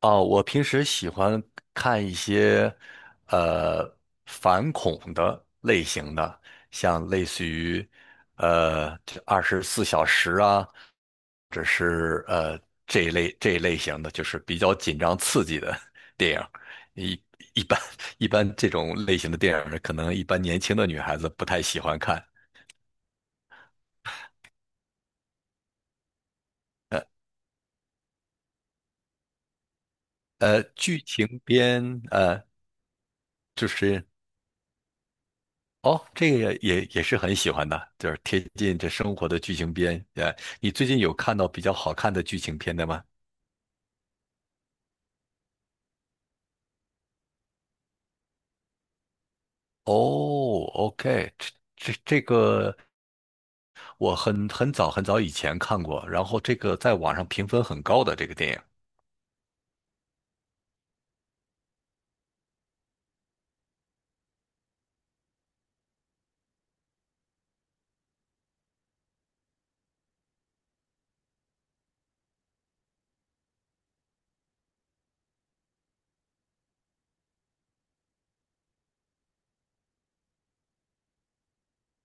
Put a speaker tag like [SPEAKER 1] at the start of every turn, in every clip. [SPEAKER 1] 哦，我平时喜欢看一些呃反恐的类型的，像类似于呃24小时啊，或者是这一类型的，就是比较紧张刺激的 电影。一一般一般这种类型的电影，可能一般年轻的女孩子不太喜欢看。呃，剧情片，就是。哦，这个也是很喜欢的，就是贴近这生活的剧情片。你最近有看到比较好看的剧情片的吗？哦，OK，这个我很早很早以前看过，然后这个在网上评分很高的这个电影，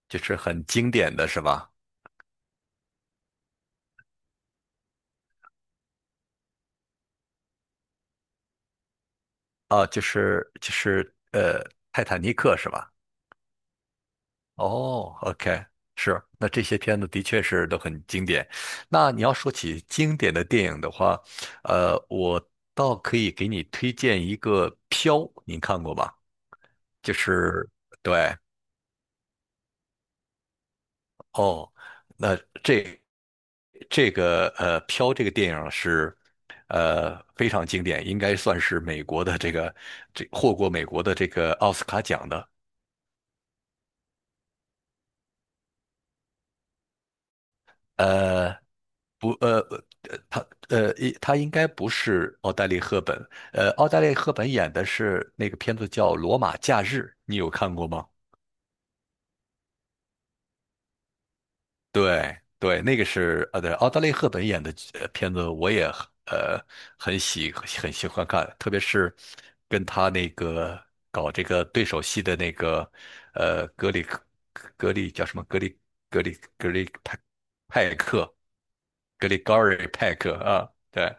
[SPEAKER 1] 就是很经典的是吧？啊，就是《泰坦尼克》是吧？哦，OK，是，那这些片子的确是都很经典。那你要说起经典的电影的话，我倒可以给你推荐一个《飘》，您看过吧？就是对哦，那这这个《飘》这个电影是非常经典，应该算是美国的这获过美国的这个奥斯卡奖的。呃，不，他，他应该不是奥黛丽·赫本，奥黛丽·赫本演的是那个片子叫《罗马假日》，你有看过吗？对，对，那个是，对，奥黛丽·赫本演的片子，我也很喜欢看，特别是跟他那个搞这个对手戏的那个，呃，格里克格里叫什么？格里派克，格里高瑞派克啊，对。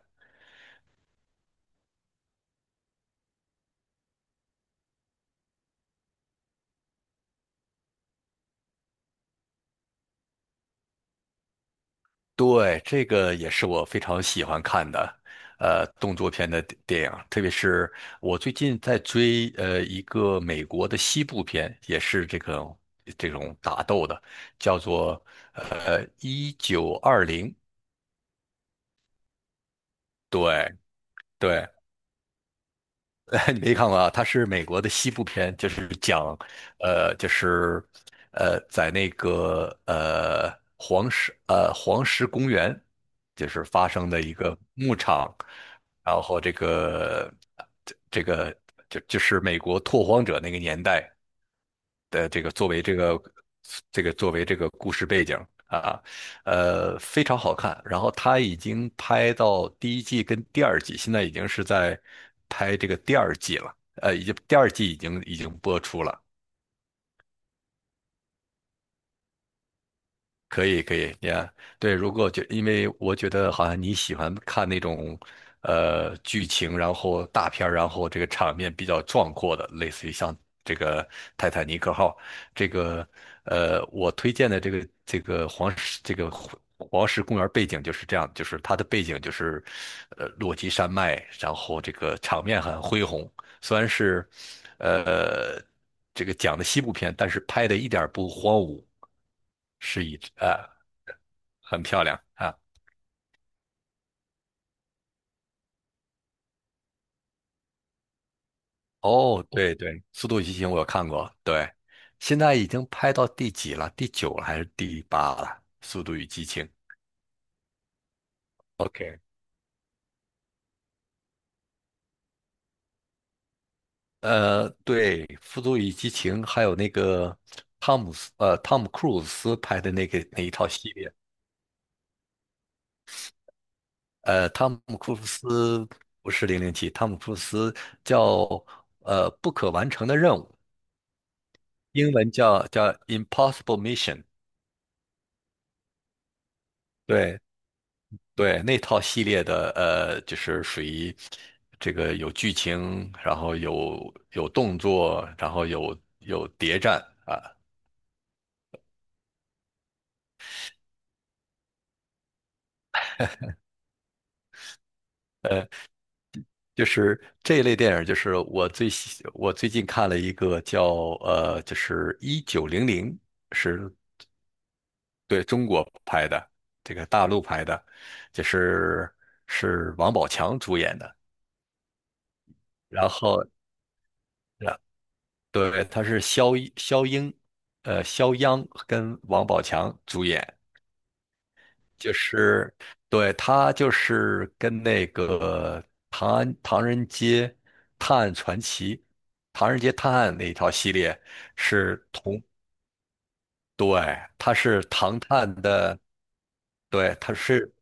[SPEAKER 1] 对，这个也是我非常喜欢看的，动作片的电影，特别是我最近在追一个美国的西部片，也是这种打斗的，叫做1920，1920对对，你没看过啊？它是美国的西部片，就是讲，就是，在那个黄石公园，就是发生的一个牧场，然后这个就是美国拓荒者那个年代，的这个作为这个这个作为这个故事背景啊，非常好看。然后他已经拍到第一季跟第二季，现在已经是在拍这个第二季了，已经第二季已经播出了。可以可以你看，对，如果觉，因为我觉得好像你喜欢看那种，剧情，然后大片儿，然后这个场面比较壮阔的，类似于像这个《泰坦尼克号》这个，我推荐的这个黄石这个黄黄石公园背景就是这样，就是它的背景就是，落基山脉，然后这个场面很恢宏，虽然是，呃，这个讲的西部片，但是拍的一点儿不荒芜，是一只，啊，很漂亮啊。哦，对对，《速度与激情》我有看过，对，现在已经拍到第几了？第九了还是第八了？《速度与激情》OK，对，《速度与激情》还有那个汤姆·克鲁斯拍的那个那一套系列。汤姆·库鲁斯不是007，汤姆·库鲁斯叫不可完成的任务，英文叫 Impossible Mission。对对，那套系列的，就是属于这个有剧情，然后有动作，然后有谍战啊，就是这一类电影。就是我最近看了一个叫就是一九零零，是对中国拍的，这个大陆拍的，就是是王宝强主演的。然后对，他是肖英，肖央跟王宝强主演，就是对他就是跟那个《唐安唐人街探案传奇》《唐人街探案》那一套系列是同，对，他是唐探的，对，他是。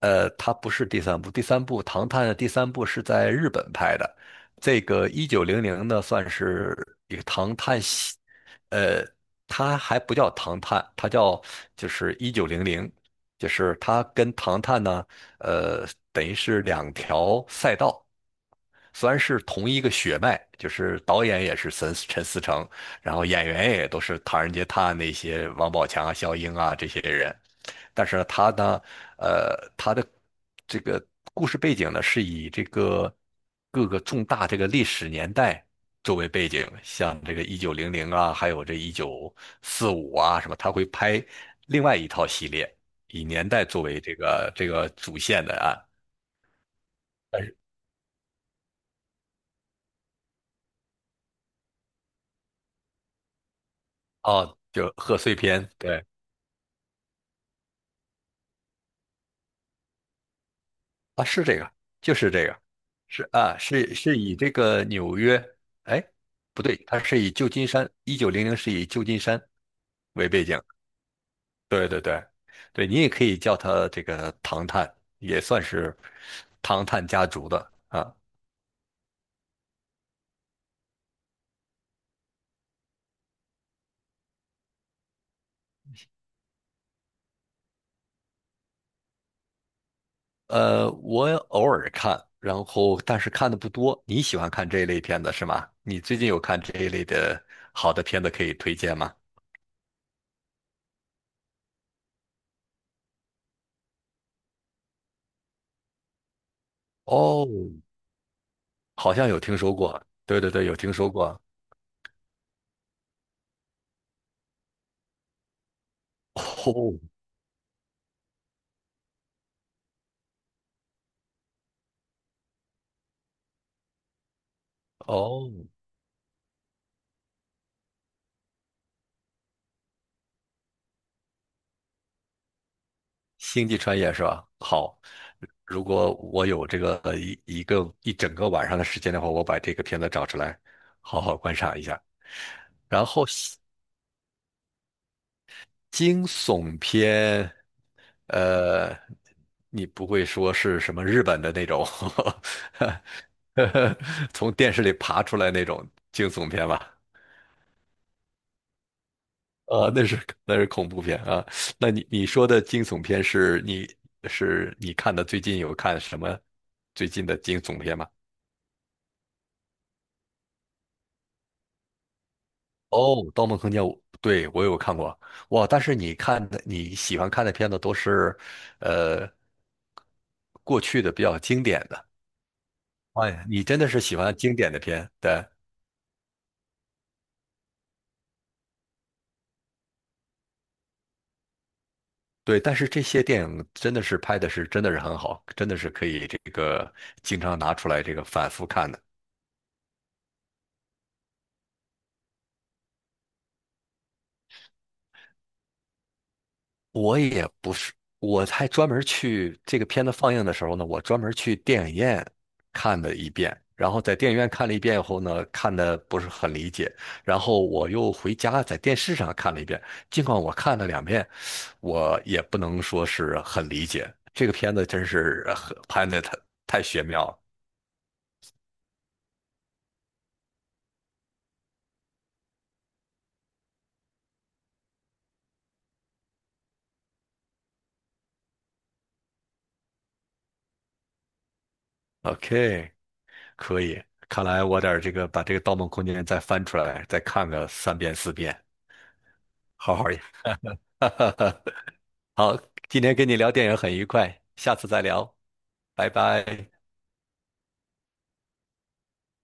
[SPEAKER 1] 它不是第三部，唐探》的第三部是在日本拍的。这个一九零零呢，算是一个《唐探》系，呃，它还不叫《唐探》，它叫就是一九零零，就是它跟《唐探》呢，呃，等于是两条赛道。虽然是同一个血脉，就是导演也是陈思诚，然后演员也都是《唐人街探案》那些王宝强啊、肖英啊这些人，但是呢，他呢，他的这个故事背景呢，是以这个各个重大这个历史年代作为背景，像这个一九零零啊，还有这1945啊什么，他会拍另外一套系列，以年代作为这个主线的啊，但是哦，就贺岁片，对。啊，是这个，就是这个，是啊，是以这个纽约，哎，不对，它是以旧金山，一九零零是以旧金山为背景，对对对，对你也可以叫它这个唐探，也算是唐探家族的啊。我偶尔看，然后但是看的不多。你喜欢看这一类片子是吗？你最近有看这一类的好的片子可以推荐吗？哦，好像有听说过，对对对，有听说过。哦，哦，星际穿越是吧？好，如果我有这个一整个晚上的时间的话，我把这个片子找出来，好好观赏一下。然后惊悚片，呃，你不会说是什么日本的那种 从电视里爬出来那种惊悚片吧？啊，那是恐怖片啊。那你说的惊悚片是你看的最近有看什么最近的惊悚片吗？哦，《盗梦空间》我对，我有看过。哇，但是你喜欢看的片子都是呃过去的比较经典的。哎，你真的是喜欢经典的片，对对。但是这些电影真的是拍的是真的是很好，真的是可以这个经常拿出来这个反复看的。我也不是，我还专门去这个片子放映的时候呢，我专门去电影院看了一遍，然后在电影院看了一遍以后呢，看的不是很理解，然后我又回家在电视上看了一遍。尽管我看了2遍，我也不能说是很理解。这个片子真是很拍的太玄妙了。OK，可以，看来我得这个把这个《盗梦空间》再翻出来，再看个3遍4遍，好好演。好，今天跟你聊电影很愉快，下次再聊，拜拜。